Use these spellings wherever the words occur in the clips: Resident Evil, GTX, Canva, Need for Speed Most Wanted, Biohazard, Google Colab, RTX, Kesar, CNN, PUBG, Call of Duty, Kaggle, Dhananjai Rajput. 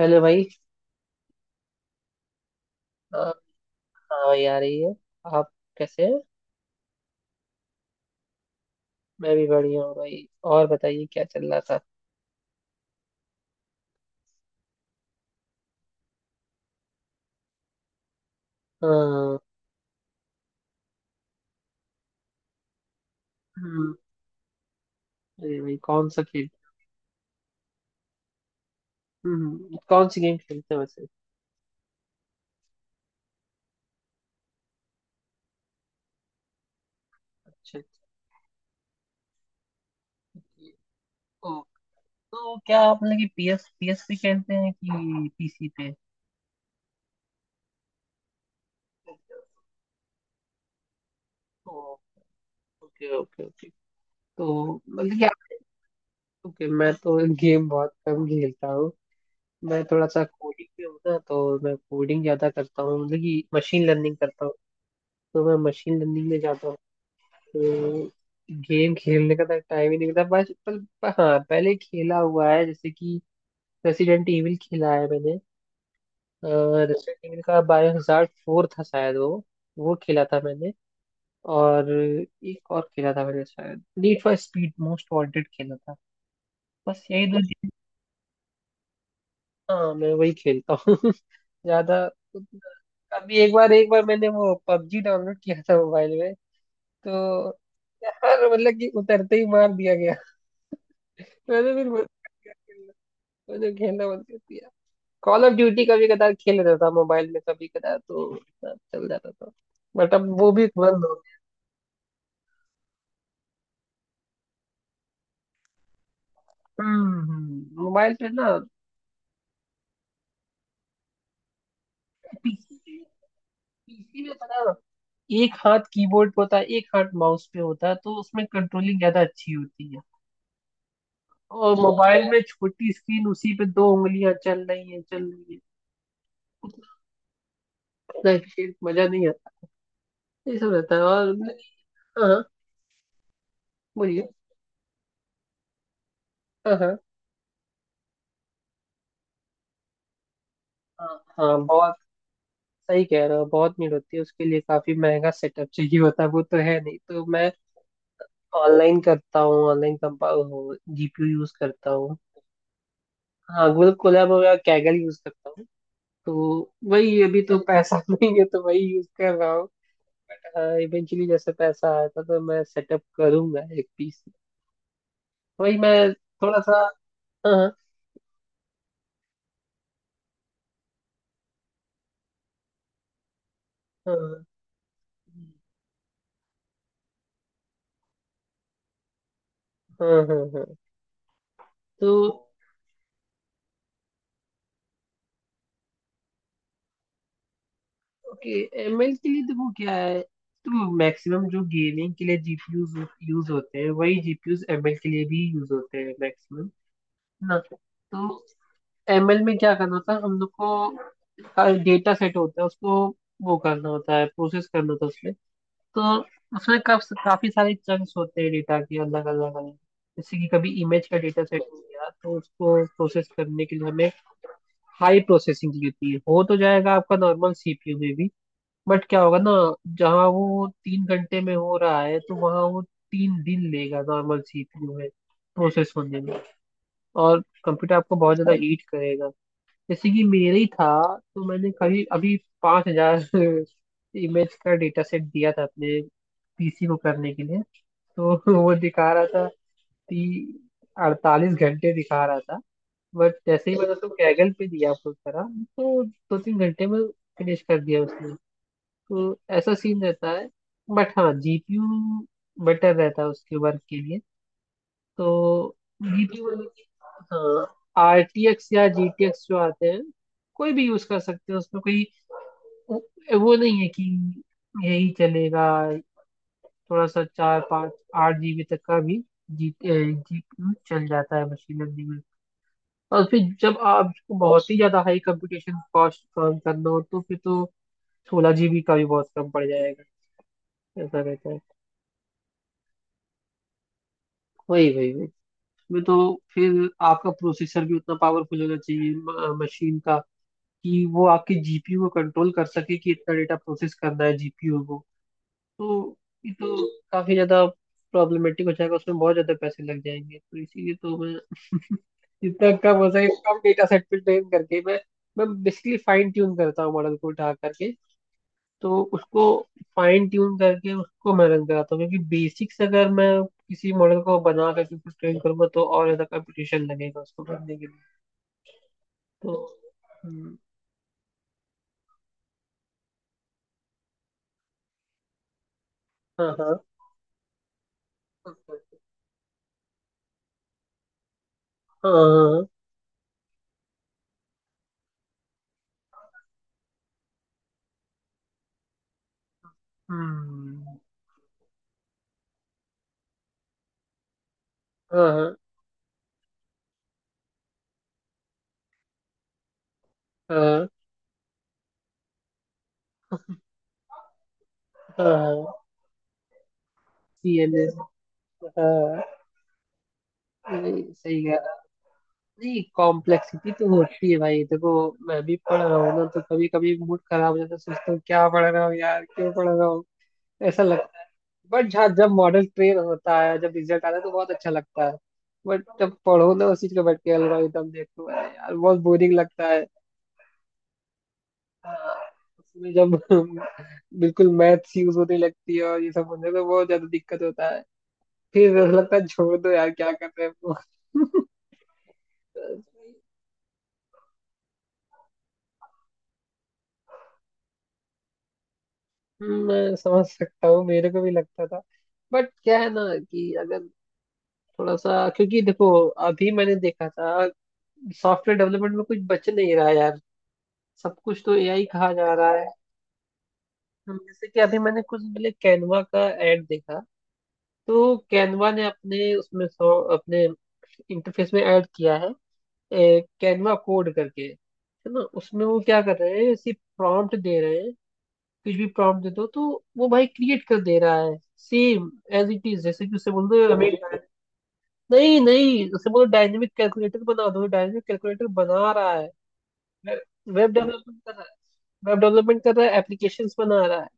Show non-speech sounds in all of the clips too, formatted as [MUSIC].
Hello भाई। हाँ भाई आ रही है। आप कैसे हैं? मैं भी बढ़िया हूँ भाई। और बताइए क्या चल रहा था? हाँ। हम्म। अरे भाई कौन सा खेल? हम्म, कौन सी गेम खेलते हो वैसे? अच्छा अच्छा। okay. ओ, तो क्या आप मतलब कि पीएस पीएस पे खेलते हैं कि पीसी पे? ओ, ओके ओके ओके। तो मतलब कि आप, ओके मैं तो [LAUGHS] गेम बहुत कम खेलता हूँ। मैं थोड़ा सा कोडिंग पे हूँ ना, तो मैं कोडिंग ज्यादा करता हूँ, मतलब कि मशीन लर्निंग करता हूँ। तो मैं मशीन लर्निंग में जाता हूँ। तो गेम खेलने का तो टाइम ही नहीं मिलता बस। पर हाँ पहले खेला हुआ है, जैसे कि रेसिडेंट ईविल खेला है मैंने। रेसिडेंट ईविल का बायोहजार्ड फोर था शायद वो। वो खेला था मैंने। और एक और खेला था मैंने, शायद Need for Speed Most Wanted खेला था। बस यही दो गेम। हाँ मैं वही खेलता हूँ [LAUGHS] ज्यादा। अभी एक बार मैंने वो पबजी डाउनलोड किया था मोबाइल में। तो हर मतलब कि उतरते ही मार दिया गया। मैंने भी बहुत घटिया खेला। मुझे खेलना बंद कर दिया। कॉल ऑफ ड्यूटी कभी कदार खेल लेता था मोबाइल में, कभी कदार तो इतना चल जाता था। बट अब वो भी बंद हो गया। हम्म, मोबाइल पे ना। पीसी पीसी में पता है, एक हाथ कीबोर्ड पे होता है एक हाथ माउस पे होता है, तो उसमें कंट्रोलिंग ज्यादा अच्छी होती है। और मोबाइल में छोटी स्क्रीन उसी पे दो उंगलियां चल रही है। इतना खेल मजा नहीं आता, ये सब रहता है। और हाँ हाँ, बोलिए। हाँ हाँ हाँ हाँ, बहुत। सही कह रहे हो, बहुत भीड़ होती है, उसके लिए काफी महंगा सेटअप चाहिए होता है। वो तो है नहीं तो मैं ऑनलाइन करता हूँ, ऑनलाइन कंपा, जीपीयू यूज करता हूँ। हाँ गूगल कोलैब वगैरह कैगल यूज करता हूँ। तो वही, अभी तो पैसा [LAUGHS] नहीं है तो वही यूज कर रहा हूँ। बट हाँ इवेंचुअली जैसे पैसा आया था तो मैं सेटअप करूंगा एक पीस। वही मैं थोड़ा सा। हाँ हाँ हाँ हाँ हाँ हाँ। तो ओके, एमएल के लिए तो वो क्या है, तो मैक्सिमम जो गेमिंग के लिए जीपीयूज यूज होते हैं वही जीपीयूज एमएल के लिए भी यूज होते हैं मैक्सिमम ना। तो एमएल में क्या करना होता है, हम लोग को डेटा सेट होता है, उसको वो करना होता है, प्रोसेस करना होता है उसमें। तो उसमें काफी सारे चंक्स होते हैं डेटा के अलग अलग अलग। जैसे कि कभी इमेज का डेटा सेट हो गया तो उसको प्रोसेस करने के लिए हमें हाई प्रोसेसिंग की होती है। हो तो जाएगा आपका नॉर्मल सीपीयू में भी, बट क्या होगा ना, जहाँ वो 3 घंटे में हो रहा है तो वहाँ वो 3 दिन लेगा नॉर्मल सीपीयू में प्रोसेस होने में। और कंप्यूटर आपको बहुत ज्यादा हीट करेगा। जैसे कि मेरे ही था, तो मैंने कभी अभी 5 हज़ार इमेज [LAUGHS] का डेटा सेट दिया था अपने पीसी को करने के लिए। तो [LAUGHS] वो दिखा रहा था, ती 48 घंटे दिखा रहा था। बट जैसे ही मैंने उसको कैगल पे दिया अपलोड करा, तो दो तीन घंटे में फिनिश कर दिया उसने। तो ऐसा सीन रहता है। बट हाँ जीपीयू बेटर रहता है उसके वर्क के लिए। तो जीपीयू वाले की, हाँ आरटीएक्स या जीटीएक्स जो आते हैं कोई भी यूज कर सकते हैं उसमें। कोई वो वो नहीं है कि यही चलेगा। थोड़ा सा चार पाँच 8 GB तक का भी जी जीपीयू चल जाता है मशीन लर्निंग में। और फिर जब आपको बहुत ही ज्यादा हाई कंप्यूटेशन कॉस्ट काम करना हो, तो फिर तो 16 GB का भी बहुत कम पड़ जाएगा। ऐसा रहता है। वही वही वही, मैं तो, फिर आपका प्रोसेसर भी उतना पावरफुल होना चाहिए मशीन का, कि वो आपकी जीपीयू को कंट्रोल कर सके कि इतना डेटा प्रोसेस करना है जीपीयू को। तो ये तो काफी ज्यादा प्रॉब्लमेटिक हो जाएगा, उसमें बहुत ज्यादा पैसे लग जाएंगे। तो इसीलिए तो मैं [LAUGHS] जितना कम हो सके कम डेटा सेट पे ट्रेन करके मैं बेसिकली फाइन ट्यून करता हूँ मॉडल को उठा करके। तो उसको फाइन ट्यून करके उसको मैं रख रहा था, क्योंकि बेसिक्स अगर मैं किसी मॉडल को बना करके कुछ ट्रेन करूंगा तो और ज्यादा कंपटीशन लगेगा उसको बनने के लिए। तो हम्म, हाँ हाँ हाँ हाँ, हाँ, हम्म, हाँ हाँ हाँ। CNS। हाँ। नहीं, सही है। नहीं, कॉम्प्लेक्सिटी तो होती है भाई, देखो मैं भी पढ़ रहा हूँ ना, तो कभी कभी मूड खराब हो जाता है, सोचता हूँ क्या पढ़ रहा हूँ यार, क्यों पढ़ रहा हूँ, ऐसा लगता है। बट हाँ जब मॉडल क्लियर होता है, जब रिजल्ट आता है तो बहुत अच्छा लगता है। बट जब पढ़ो ना उस चीज को बैठ के, एल्गोरिदम देखो, अरे यार बहुत बोरिंग लगता है। हाँ, उसमें जब [LAUGHS] बिल्कुल मैथ्स यूज होने लगती है और ये सब होने तो बहुत ज्यादा दिक्कत होता है। फिर ऐसा लगता है छोड़ दो यार क्या कर रहे हो। [LAUGHS] मैं समझ सकता हूँ, मेरे को भी लगता था। बट क्या है ना कि अगर थोड़ा सा, क्योंकि देखो अभी मैंने देखा था सॉफ्टवेयर डेवलपमेंट में कुछ बच नहीं रहा है यार, सब कुछ तो एआई कहा जा रहा है। हम जैसे कि अभी मैंने कुछ दिन पहले कैनवा का ऐड देखा, तो कैनवा ने अपने उसमें सो, अपने इंटरफेस में ऐड किया है, कैनवा कोड करके है ना, उसमें वो क्या कर रहे हैं सिर्फ प्रॉम्प्ट दे रहे हैं। कुछ भी प्रॉम्प्ट दे दो तो वो भाई क्रिएट कर दे रहा है। सेम एज इट इज, जैसे कि उसे बोल दो हमें, नहीं नहीं उसे बोलो डायनेमिक कैलकुलेटर बना दो, डायनेमिक कैलकुलेटर बना रहा है। वेब डेवलपमेंट कर रहा है, वेब डेवलपमेंट कर रहा है, एप्लीकेशंस बना रहा है।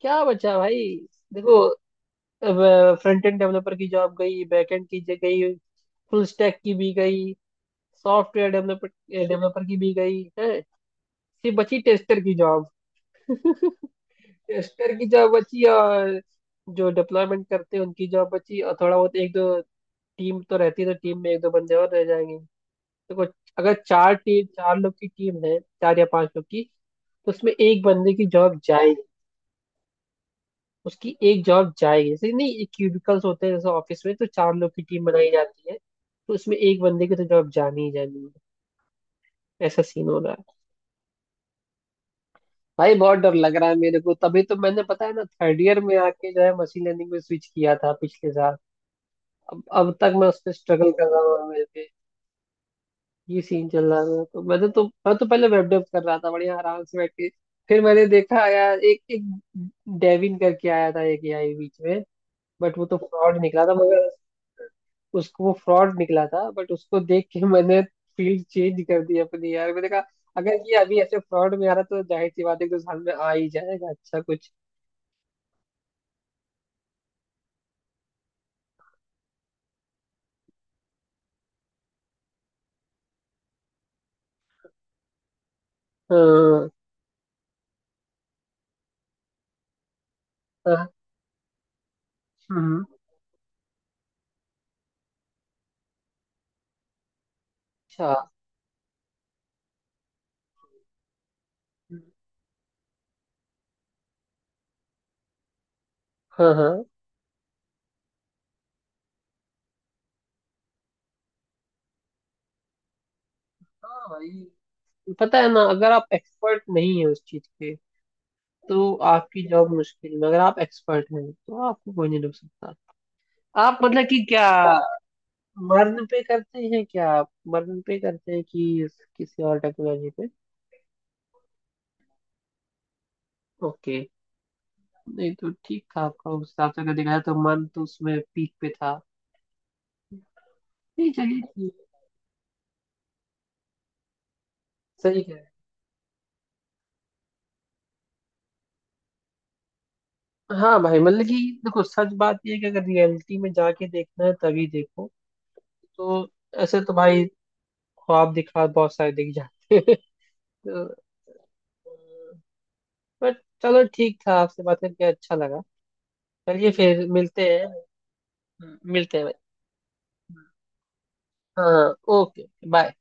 क्या बचा भाई। देखो फ्रंट एंड डेवलपर की जॉब गई, बैक एंड की गई, फुल स्टैक की भी गई, सॉफ्टवेयर डेवलपर डेवलपर की भी गई है। सिर्फ बची टेस्टर की जॉब। [LAUGHS] टेस्टर की जॉब बची और जो डिप्लॉयमेंट करते हैं उनकी जॉब बची, और थोड़ा बहुत एक दो टीम तो रहती है, तो टीम में एक दो बंदे और रह जाएंगे। देखो अगर चार टीम चार लोग की टीम है, चार या पांच लोग की, तो उसमें एक बंदे की जॉब, उसकी एक जॉब जाएगी। जैसे कि नहीं, क्यूबिकल्स होते हैं जैसे ऑफिस में, तो चार लोग की टीम बनाई जाती है, तो उसमें एक बंदे की तो जॉब जानी ही जानी है। ऐसा सीन हो रहा है। भाई बहुत डर लग रहा है मेरे को, तभी तो मैंने पता है ना थर्ड ईयर में आके जो है मशीन लर्निंग में स्विच किया था पिछले साल। अब तक मैं उस पर स्ट्रगल कर रहा हूँ, मेरे पे ये सीन चल रहा है। तो मैंने, तो मैं तो पहले वेब डेव कर रहा था बढ़िया आराम से बैठ के, फिर मैंने देखा यार, एक एक डेविन करके आया था एक एआई बीच में। बट वो तो फ्रॉड निकला था मगर, उसको वो फ्रॉड निकला था, बट उसको देख के मैंने फील्ड चेंज कर दी अपनी। यार मैंने कहा अगर ये अभी ऐसे फ्रॉड में आ रहा, तो जाहिर सी बात है कि साल में आ ही जाएगा अच्छा कुछ। हाँ हाँ, हम्म, हम्म, अच्छा, हाँ हाँ। हाँ भाई, पता है ना, अगर आप एक्सपर्ट नहीं है उस चीज के तो आपकी जॉब मुश्किल में, अगर आप एक्सपर्ट हैं तो आपको कोई नहीं रोक सकता। आप मतलब कि क्या, मर्न पे करते हैं कि किसी और टेक्नोलॉजी पे? ओके। नहीं तो ठीक था आपका, उस हिसाब से अगर देखा जाए तो मन तो उसमें पीक पे था। नहीं चलिए ठीक। सही कह रहे हैं। हाँ भाई मतलब कि देखो सच बात ये है कि अगर रियलिटी में जाके देखना है तभी देखो। तो ऐसे तो भाई ख्वाब दिखा बहुत सारे दिख जाते हैं। [LAUGHS] तो, बट चलो ठीक, था आपसे बात करके अच्छा लगा। चलिए फिर मिलते हैं। मिलते हैं भाई। हाँ ओके बाय।